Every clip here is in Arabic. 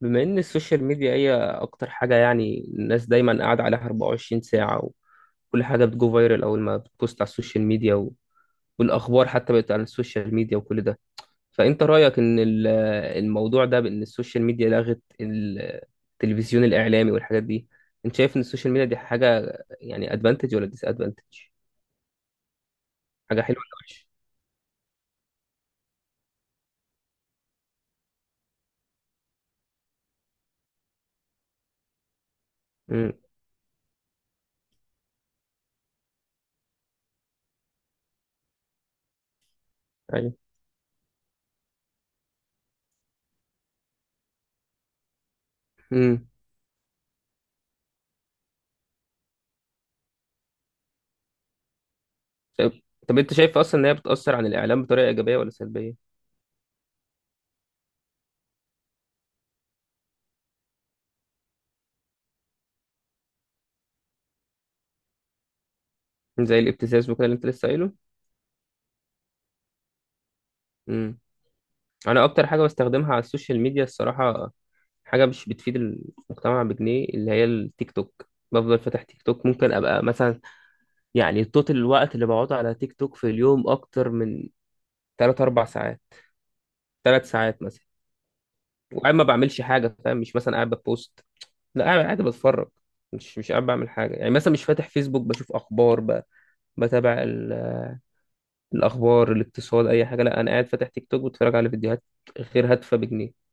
بما ان السوشيال ميديا هي اكتر حاجه يعني الناس دايما قاعده عليها 24 ساعه، وكل حاجه بتجو فايرال اول ما بتبوست على السوشيال ميديا والاخبار حتى بقت على السوشيال ميديا وكل ده. فانت رايك ان الموضوع ده بان السوشيال ميديا لغت التلفزيون الاعلامي والحاجات دي، انت شايف ان السوشيال ميديا دي حاجه يعني ادفانتج ولا ديس ادفانتج، حاجه حلوه ولا وحشه؟ امم. ايوه. امم. طب طب انت شايف اصلا ان هي بتاثر عن الاعلام بطريقه ايجابيه ولا سلبيه؟ زي الابتزاز وكده اللي انت لسه قايله. امم. انا اكتر حاجه بستخدمها على السوشيال ميديا الصراحه، حاجه مش بتفيد المجتمع بجنيه، اللي هي التيك توك. بفضل فاتح تيك توك، ممكن ابقى مثلا يعني توتال الوقت اللي بقعده على تيك توك في اليوم اكتر من 3 4 ساعات، 3 ساعات مثلا. وقاعد ما بعملش حاجه فاهم، مش مثلا قاعد ببوست، لا قاعد بتفرج. مش قاعد بعمل حاجه يعني، مثلا مش فاتح فيسبوك بشوف اخبار، بتابع الاخبار، الاقتصاد، اي حاجه. لا انا قاعد فاتح تيك توك بتفرج على فيديوهات غير هادفه بجنيه.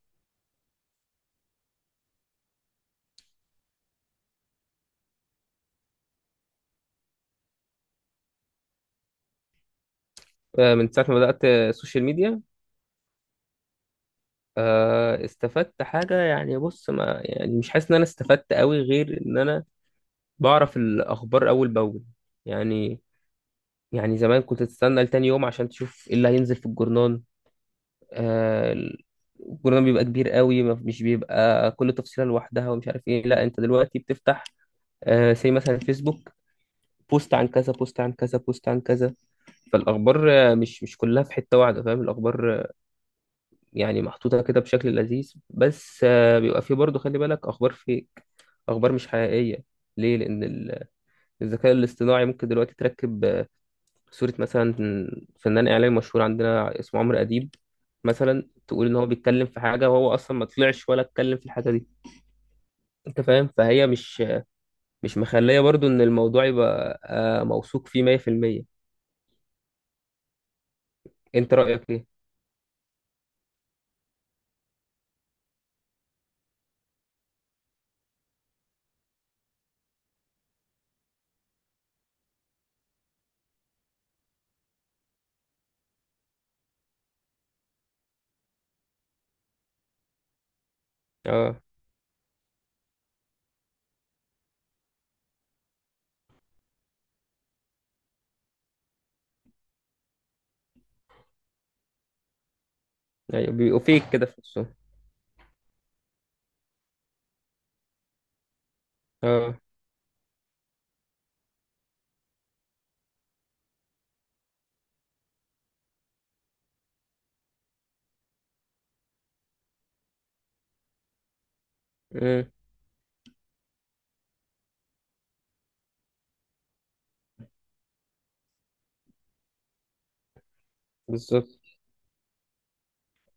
من ساعه ما بدات السوشيال ميديا؟ استفدت حاجة يعني، بص، ما يعني مش حاسس ان انا استفدت قوي، غير ان انا بعرف الاخبار اول باول. يعني، يعني زمان كنت تستنى لتاني يوم عشان تشوف ايه اللي هينزل في الجرنان. آه، الجرنان بيبقى كبير قوي، مش بيبقى كل تفصيلة لوحدها ومش عارف ايه. لا انت دلوقتي بتفتح زي مثلا فيسبوك، بوست عن كذا، بوست عن كذا، بوست عن كذا، فالاخبار مش كلها في حتة واحدة، فاهم؟ الاخبار يعني محطوطة كده بشكل لذيذ، بس بيبقى فيه برضه، خلي بالك، أخبار فيك، أخبار مش حقيقية. ليه؟ لأن الذكاء الاصطناعي ممكن دلوقتي تركب صورة مثلا فنان إعلامي مشهور عندنا اسمه عمرو أديب، مثلا تقول إن هو بيتكلم في حاجة وهو أصلا ما طلعش ولا اتكلم في الحاجة دي. أنت فاهم؟ فهي مش مخلية برضه إن الموضوع يبقى موثوق فيه 100%. أنت رأيك إيه؟ أه. أيوة، بيبقوا فيك كده في نفسهم. أه. أمم. بالظبط.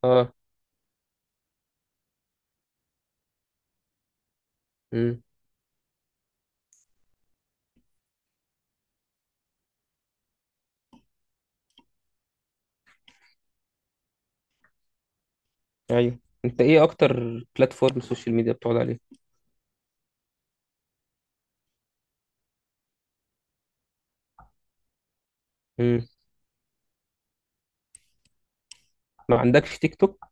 أه. أمم. ايوه. انت ايه اكتر بلاتفورم سوشيال ميديا بتقعد عليه؟ امم. ما عندكش تيك توك؟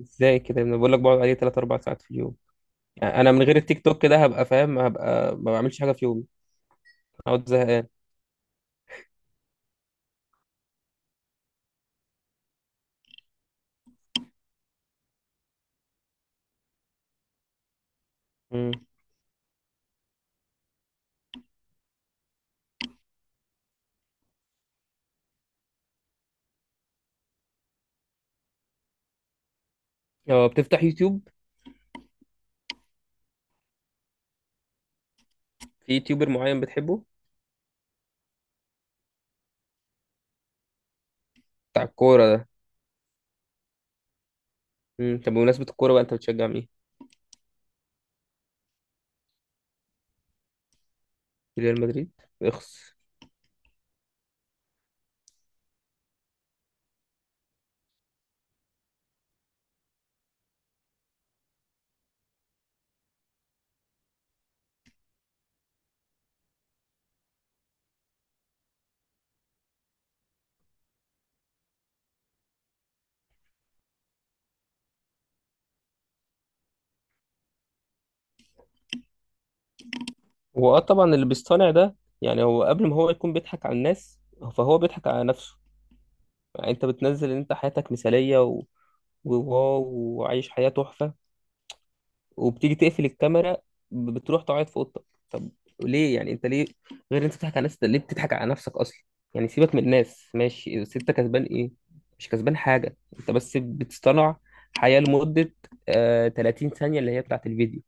ازاي كده، انا بقول لك بقعد عليه 3 4 ساعات في اليوم. يعني انا من غير التيك توك كده هبقى، فاهم، هبقى ما بعملش حاجه في يومي، اقعد زهقان. امم. اه بتفتح يوتيوب؟ في يوتيوبر معين بتحبه؟ بتاع الكوره ده؟ امم. طب بمناسبه الكوره بقى، انت بتشجع مين؟ ريال مدريد؟ اخس. هو طبعا اللي بيصطنع ده، يعني هو قبل ما هو يكون بيضحك على الناس، فهو بيضحك على نفسه. يعني انت بتنزل ان انت حياتك مثاليه وواو، وعايش حياة تحفة، وبتيجي تقفل الكاميرا، بتروح تقعد في اوضتك. طب ليه؟ يعني انت ليه؟ غير انت بتضحك على الناس، انت ليه بتضحك على نفسك اصلا؟ يعني سيبك من الناس ماشي، بس انت كسبان ايه؟ مش كسبان حاجه، انت بس بتصطنع حياه لمده 30 ثانيه اللي هي بتاعت الفيديو.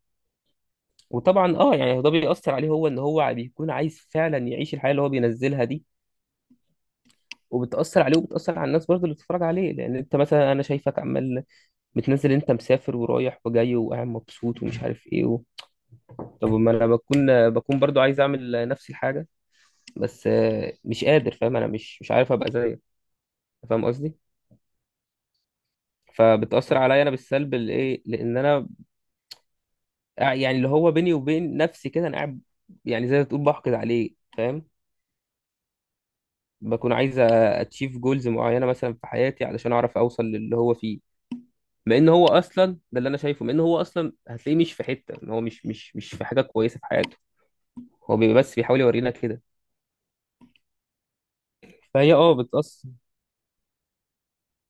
وطبعا يعني ده بيأثر عليه هو، ان هو بيكون عايز فعلا يعيش الحياه اللي هو بينزلها دي، وبتأثر عليه، وبتأثر على الناس برضه اللي بتتفرج عليه. لأن أنت مثلا، أنا شايفك عمال بتنزل أنت مسافر ورايح وجاي وقاعد مبسوط ومش عارف إيه، طب ما انا بكون برضو عايز اعمل نفس الحاجه، بس مش قادر، فاهم؟ انا مش عارف ابقى زيك، فاهم قصدي؟ فبتاثر عليا انا بالسلب الايه، لان انا يعني اللي هو بيني وبين نفسي كده، انا قاعد يعني زي ما تقول بحقد عليه، فاهم؟ بكون عايز اتشيف جولز معينه مثلا في حياتي علشان اعرف اوصل للي هو فيه، مع ان هو اصلا، ده اللي انا شايفه، مع ان هو اصلا هتلاقيه مش في حته، إن هو مش في حاجه كويسه في حياته، هو بيبقى بس بيحاول يورينا كده. فهي بتاثر،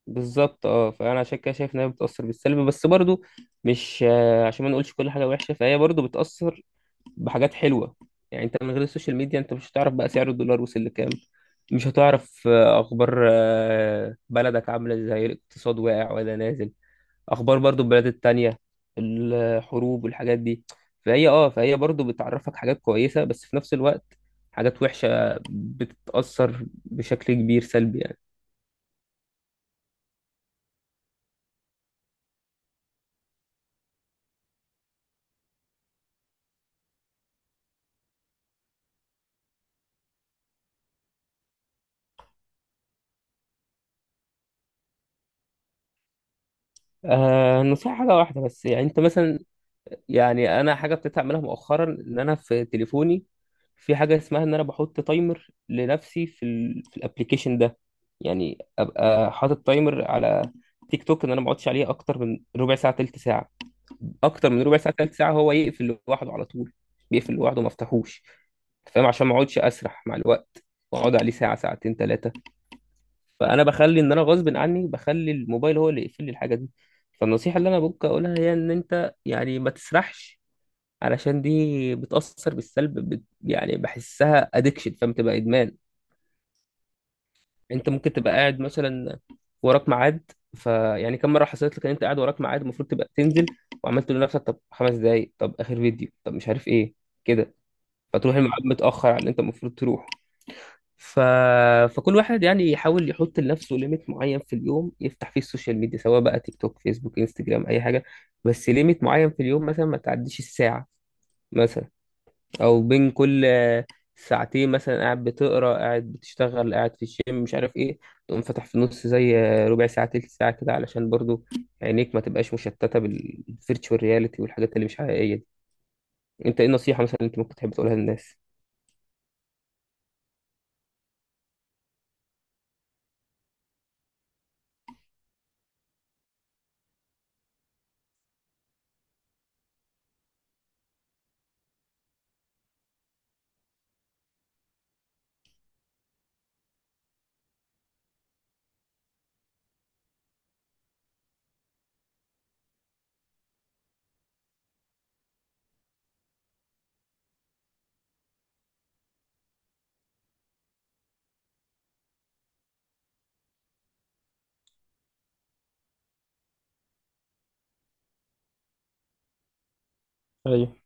بالظبط. اه فانا عشان كده شايف انها بتاثر بالسلب، بس برضو مش عشان ما نقولش كل حاجه وحشه، فهي برضو بتاثر بحاجات حلوه. يعني انت من غير السوشيال ميديا انت مش هتعرف بقى سعر الدولار وصل لكام، مش هتعرف اخبار بلدك عامله ازاي، الاقتصاد واقع ولا نازل، اخبار برضو البلاد التانية، الحروب والحاجات دي. فهي برضو بتعرفك حاجات كويسه، بس في نفس الوقت حاجات وحشه بتتاثر بشكل كبير سلبي يعني. النصيحة حاجة واحدة بس. يعني انت مثلا، يعني انا حاجة ابتديت اعملها مؤخرا، ان انا في تليفوني في حاجة اسمها ان انا بحط تايمر لنفسي في ال في الابليكيشن ده. يعني ابقى حاطط تايمر على تيك توك ان انا ما اقعدش عليه اكتر من ربع ساعة تلت ساعة، اكتر من ربع ساعة تلت ساعة هو يقفل لوحده على طول. بيقفل لوحده، ما افتحوش. أنت فاهم؟ عشان ما اقعدش اسرح مع الوقت واقعد عليه ساعة ساعتين ثلاثة. فانا بخلي ان انا غصب عني، بخلي الموبايل هو اللي يقفل لي الحاجه دي. فالنصيحه اللي انا ممكن اقولها هي ان انت يعني ما تسرحش، علشان دي بتاثر بالسلب، بت، يعني بحسها ادكشن، فبتبقى ادمان. انت ممكن تبقى قاعد مثلا وراك ميعاد، فيعني كم مره حصلت لك ان انت قاعد وراك ميعاد المفروض تبقى تنزل، وعملت تقول لنفسك طب 5 دقايق، طب اخر فيديو، طب مش عارف ايه كده، فتروح الميعاد متاخر على اللي انت المفروض تروحه. ف... فكل واحد يعني يحاول يحط لنفسه ليميت معين في اليوم يفتح فيه السوشيال ميديا، سواء بقى تيك توك، فيسبوك، انستجرام، اي حاجه، بس ليميت معين في اليوم، مثلا ما تعديش الساعه مثلا. او بين كل ساعتين مثلا، قاعد بتقرا، قاعد بتشتغل، قاعد في الجيم، مش عارف ايه، تقوم فاتح في النص زي ربع ساعه تلت ساعه كده، علشان برضو عينيك ما تبقاش مشتته بالفيرتشوال رياليتي والحاجات اللي مش حقيقيه دي. انت ايه النصيحه مثلا اللي انت ممكن تحب تقولها للناس؟ ايوه.